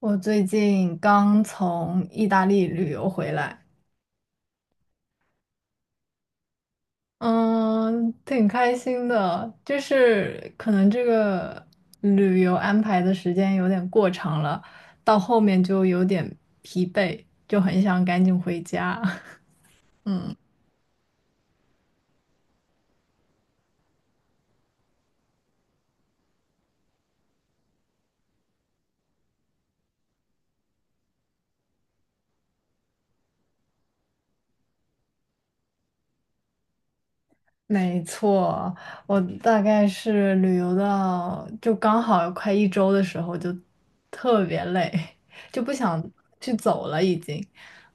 我最近刚从意大利旅游回来，嗯，挺开心的。就是可能这个旅游安排的时间有点过长了，到后面就有点疲惫，就很想赶紧回家。嗯。没错，我大概是旅游到就刚好快1周的时候，就特别累，就不想去走了已经。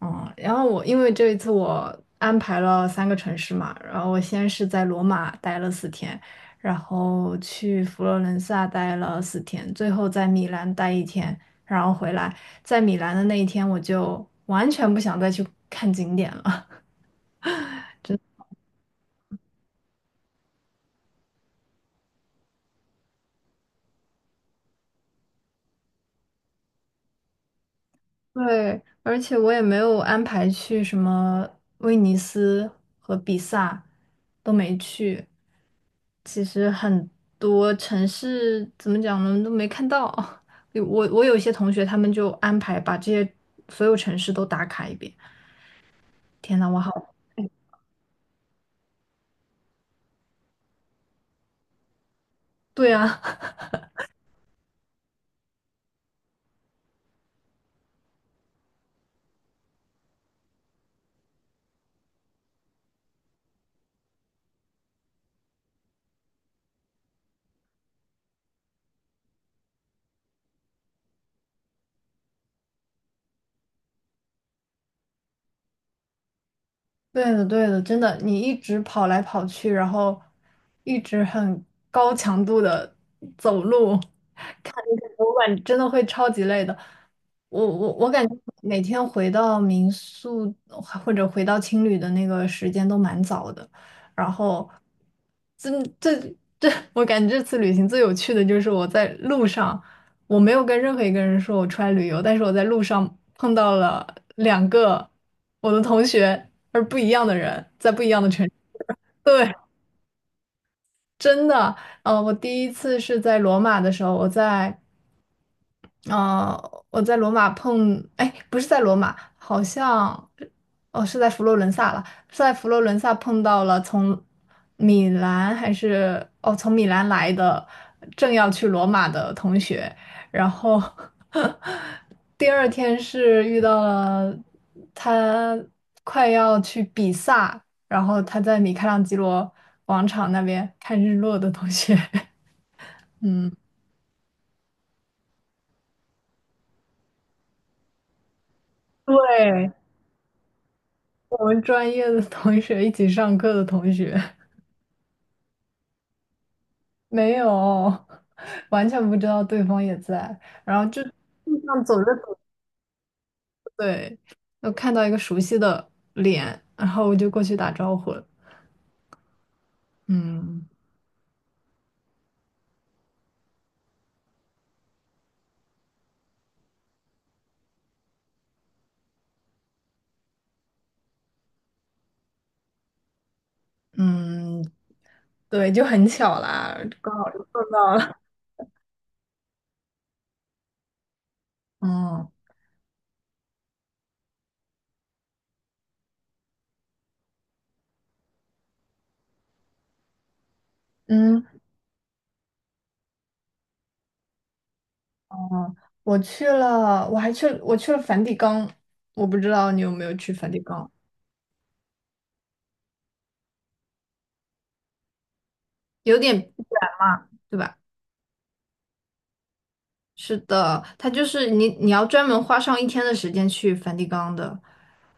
嗯，然后我因为这一次我安排了三个城市嘛，然后我先是在罗马待了四天，然后去佛罗伦萨待了四天，最后在米兰待一天，然后回来。在米兰的那一天，我就完全不想再去看景点了。对，而且我也没有安排去什么威尼斯和比萨，都没去。其实很多城市怎么讲呢，都没看到。我有一些同学，他们就安排把这些所有城市都打卡一遍。天呐，我好，对啊，对的对的，真的，你一直跑来跑去，然后一直很高强度的走路。我感真的会超级累的。我感觉每天回到民宿或者回到青旅的那个时间都蛮早的，然后这这这，我感觉这次旅行最有趣的就是我在路上，我没有跟任何一个人说我出来旅游，但是我在路上碰到了两个我的同学，而不一样的人，在不一样的城市对，真的，我第一次是在罗马的时候，我在。我在罗马碰，哎，不是在罗马，好像，哦，是在佛罗伦萨了，是在佛罗伦萨碰到了从米兰还是哦，从米兰来的，正要去罗马的同学，然后 第二天是遇到了他快要去比萨，然后他在米开朗基罗广场那边看日落的同学，嗯，对，我们专业的同学一起上课的同学，没有，完全不知道对方也在。路上走着走着，对，我看到一个熟悉的脸，然后我就过去打招呼了。嗯嗯，对，就很巧啦，刚好遇到了。嗯嗯嗯，我去了梵蒂冈，我不知道你有没有去梵蒂冈，有点远嘛，对吧？是的，它就是你要专门花上一天的时间去梵蒂冈的。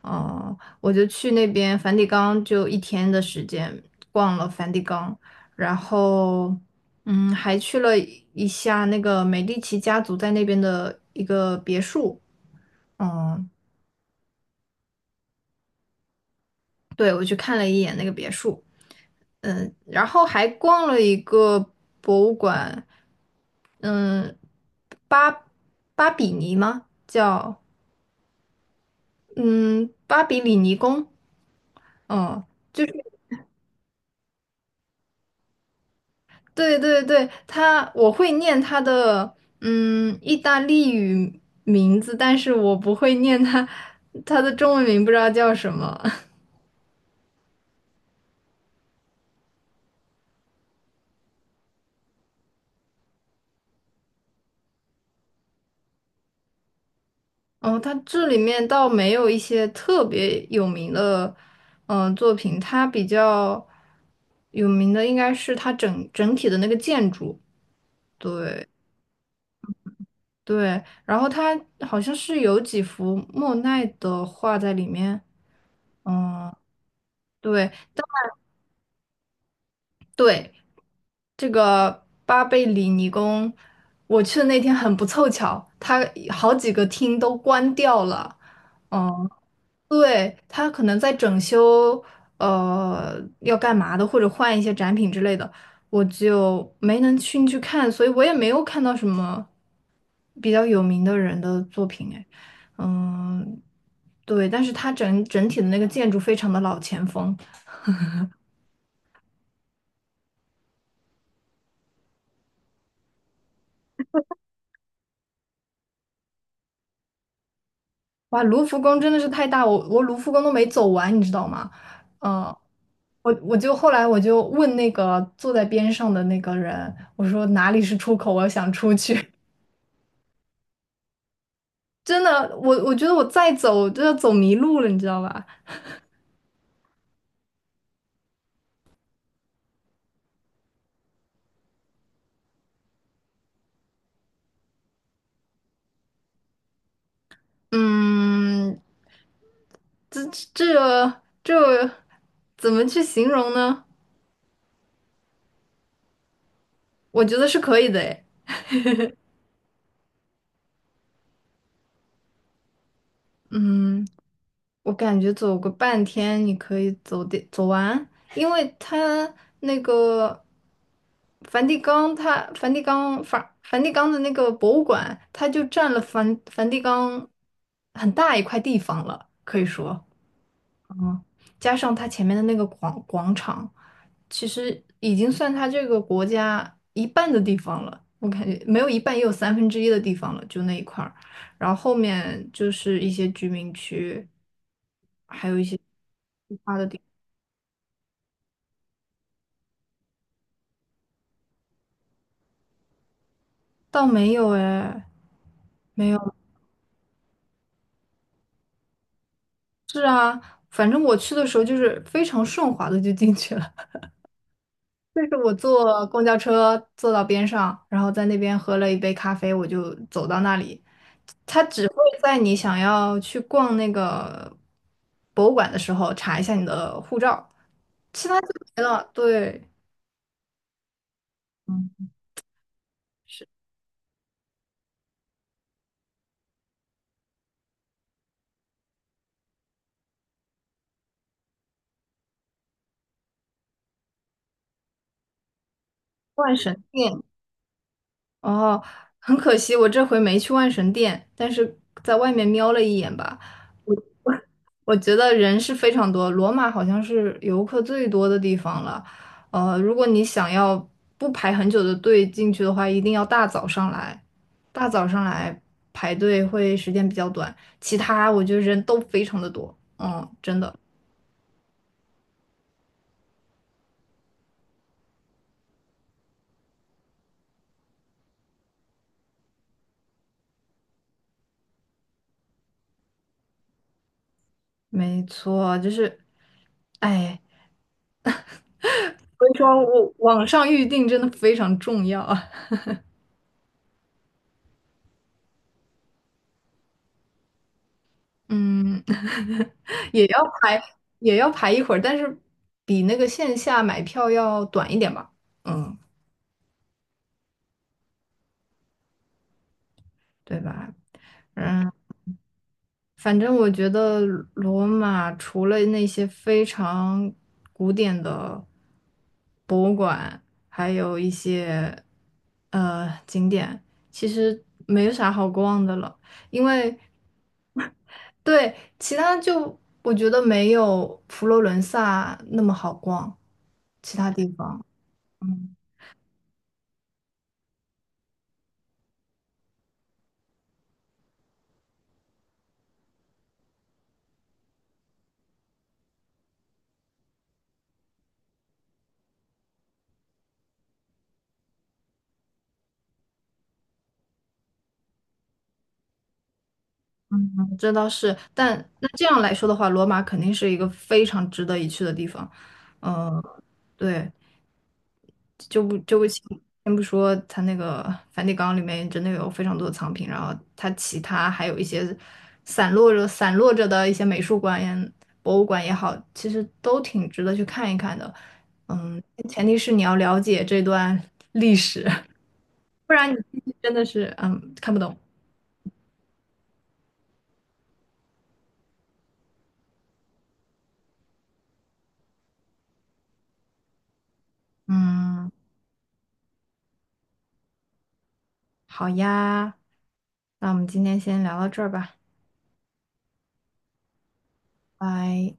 嗯，我就去那边梵蒂冈，就一天的时间逛了梵蒂冈，然后还去了一下那个美第奇家族在那边的一个别墅。嗯，对，我去看了一眼那个别墅，嗯，然后还逛了一个博物馆，嗯，巴巴比尼吗？叫。嗯，巴比里尼宫，嗯，就是对对对，他我会念他的意大利语名字，但是我不会念他的中文名，不知道叫什么。哦，他这里面倒没有一些特别有名的作品，他比较有名的应该是他整体的那个建筑，对，然后他好像是有几幅莫奈的画在里面。嗯，对，对，这个巴贝里尼宫，我去的那天很不凑巧，它好几个厅都关掉了。嗯，对，它可能在整修，要干嘛的，或者换一些展品之类的，我就没能进去看，所以我也没有看到什么比较有名的人的作品。哎，嗯，对，但是它整体的那个建筑非常的老前锋。哇，卢浮宫真的是太大，我卢浮宫都没走完，你知道吗？嗯、我就后来我就问那个坐在边上的那个人，我说哪里是出口，我想出去。真的，我觉得我再走就要走迷路了，你知道吧？嗯，这这怎么去形容呢？我觉得是可以的，诶，嗯。我感觉走个半天你可以走的走完，因为它那个梵蒂冈它，梵蒂冈梵蒂冈的那个博物馆，它就占了梵蒂冈很大一块地方了，可以说。加上它前面的那个广场，其实已经算它这个国家一半的地方了。我感觉没有一半，也有三分之一的地方了，就那一块儿。然后后面就是一些居民区，还有一些倒没有哎，没有。是啊，反正我去的时候就是非常顺滑的就进去了。就是我坐公交车坐到边上，然后在那边喝了一杯咖啡，我就走到那里，它只会在你想要去逛那个博物馆的时候查一下你的护照，其他就没了。对，嗯，是万神殿。哦，很可惜，我这回没去万神殿，但是在外面瞄了一眼吧。我我我觉得人是非常多，罗马好像是游客最多的地方了。如果你想要不排很久的队进去的话，一定要大早上来，大早上来排队会时间比较短。其他我觉得人都非常的多，嗯，真的，没错，就是，哎，所以说我网上预定真的非常重要啊，嗯。也要排，也要排一会儿，但是比那个线下买票要短一点吧，嗯，对吧？嗯，反正我觉得罗马除了那些非常古典的博物馆，还有一些景点，其实没有啥好逛的了，因为对其他就我觉得没有佛罗伦萨那么好逛，其他地方。嗯这倒是，但那这样来说的话，罗马肯定是一个非常值得一去的地方。嗯，对，就不就不先先不说它那个梵蒂冈里面真的有非常多的藏品，然后它其他还有一些散落着的一些美术馆也、博物馆也好，其实都挺值得去看一看的。嗯，前提是你要了解这段历史，不然你真的是看不懂。嗯。好呀，那我们今天先聊到这儿吧，拜。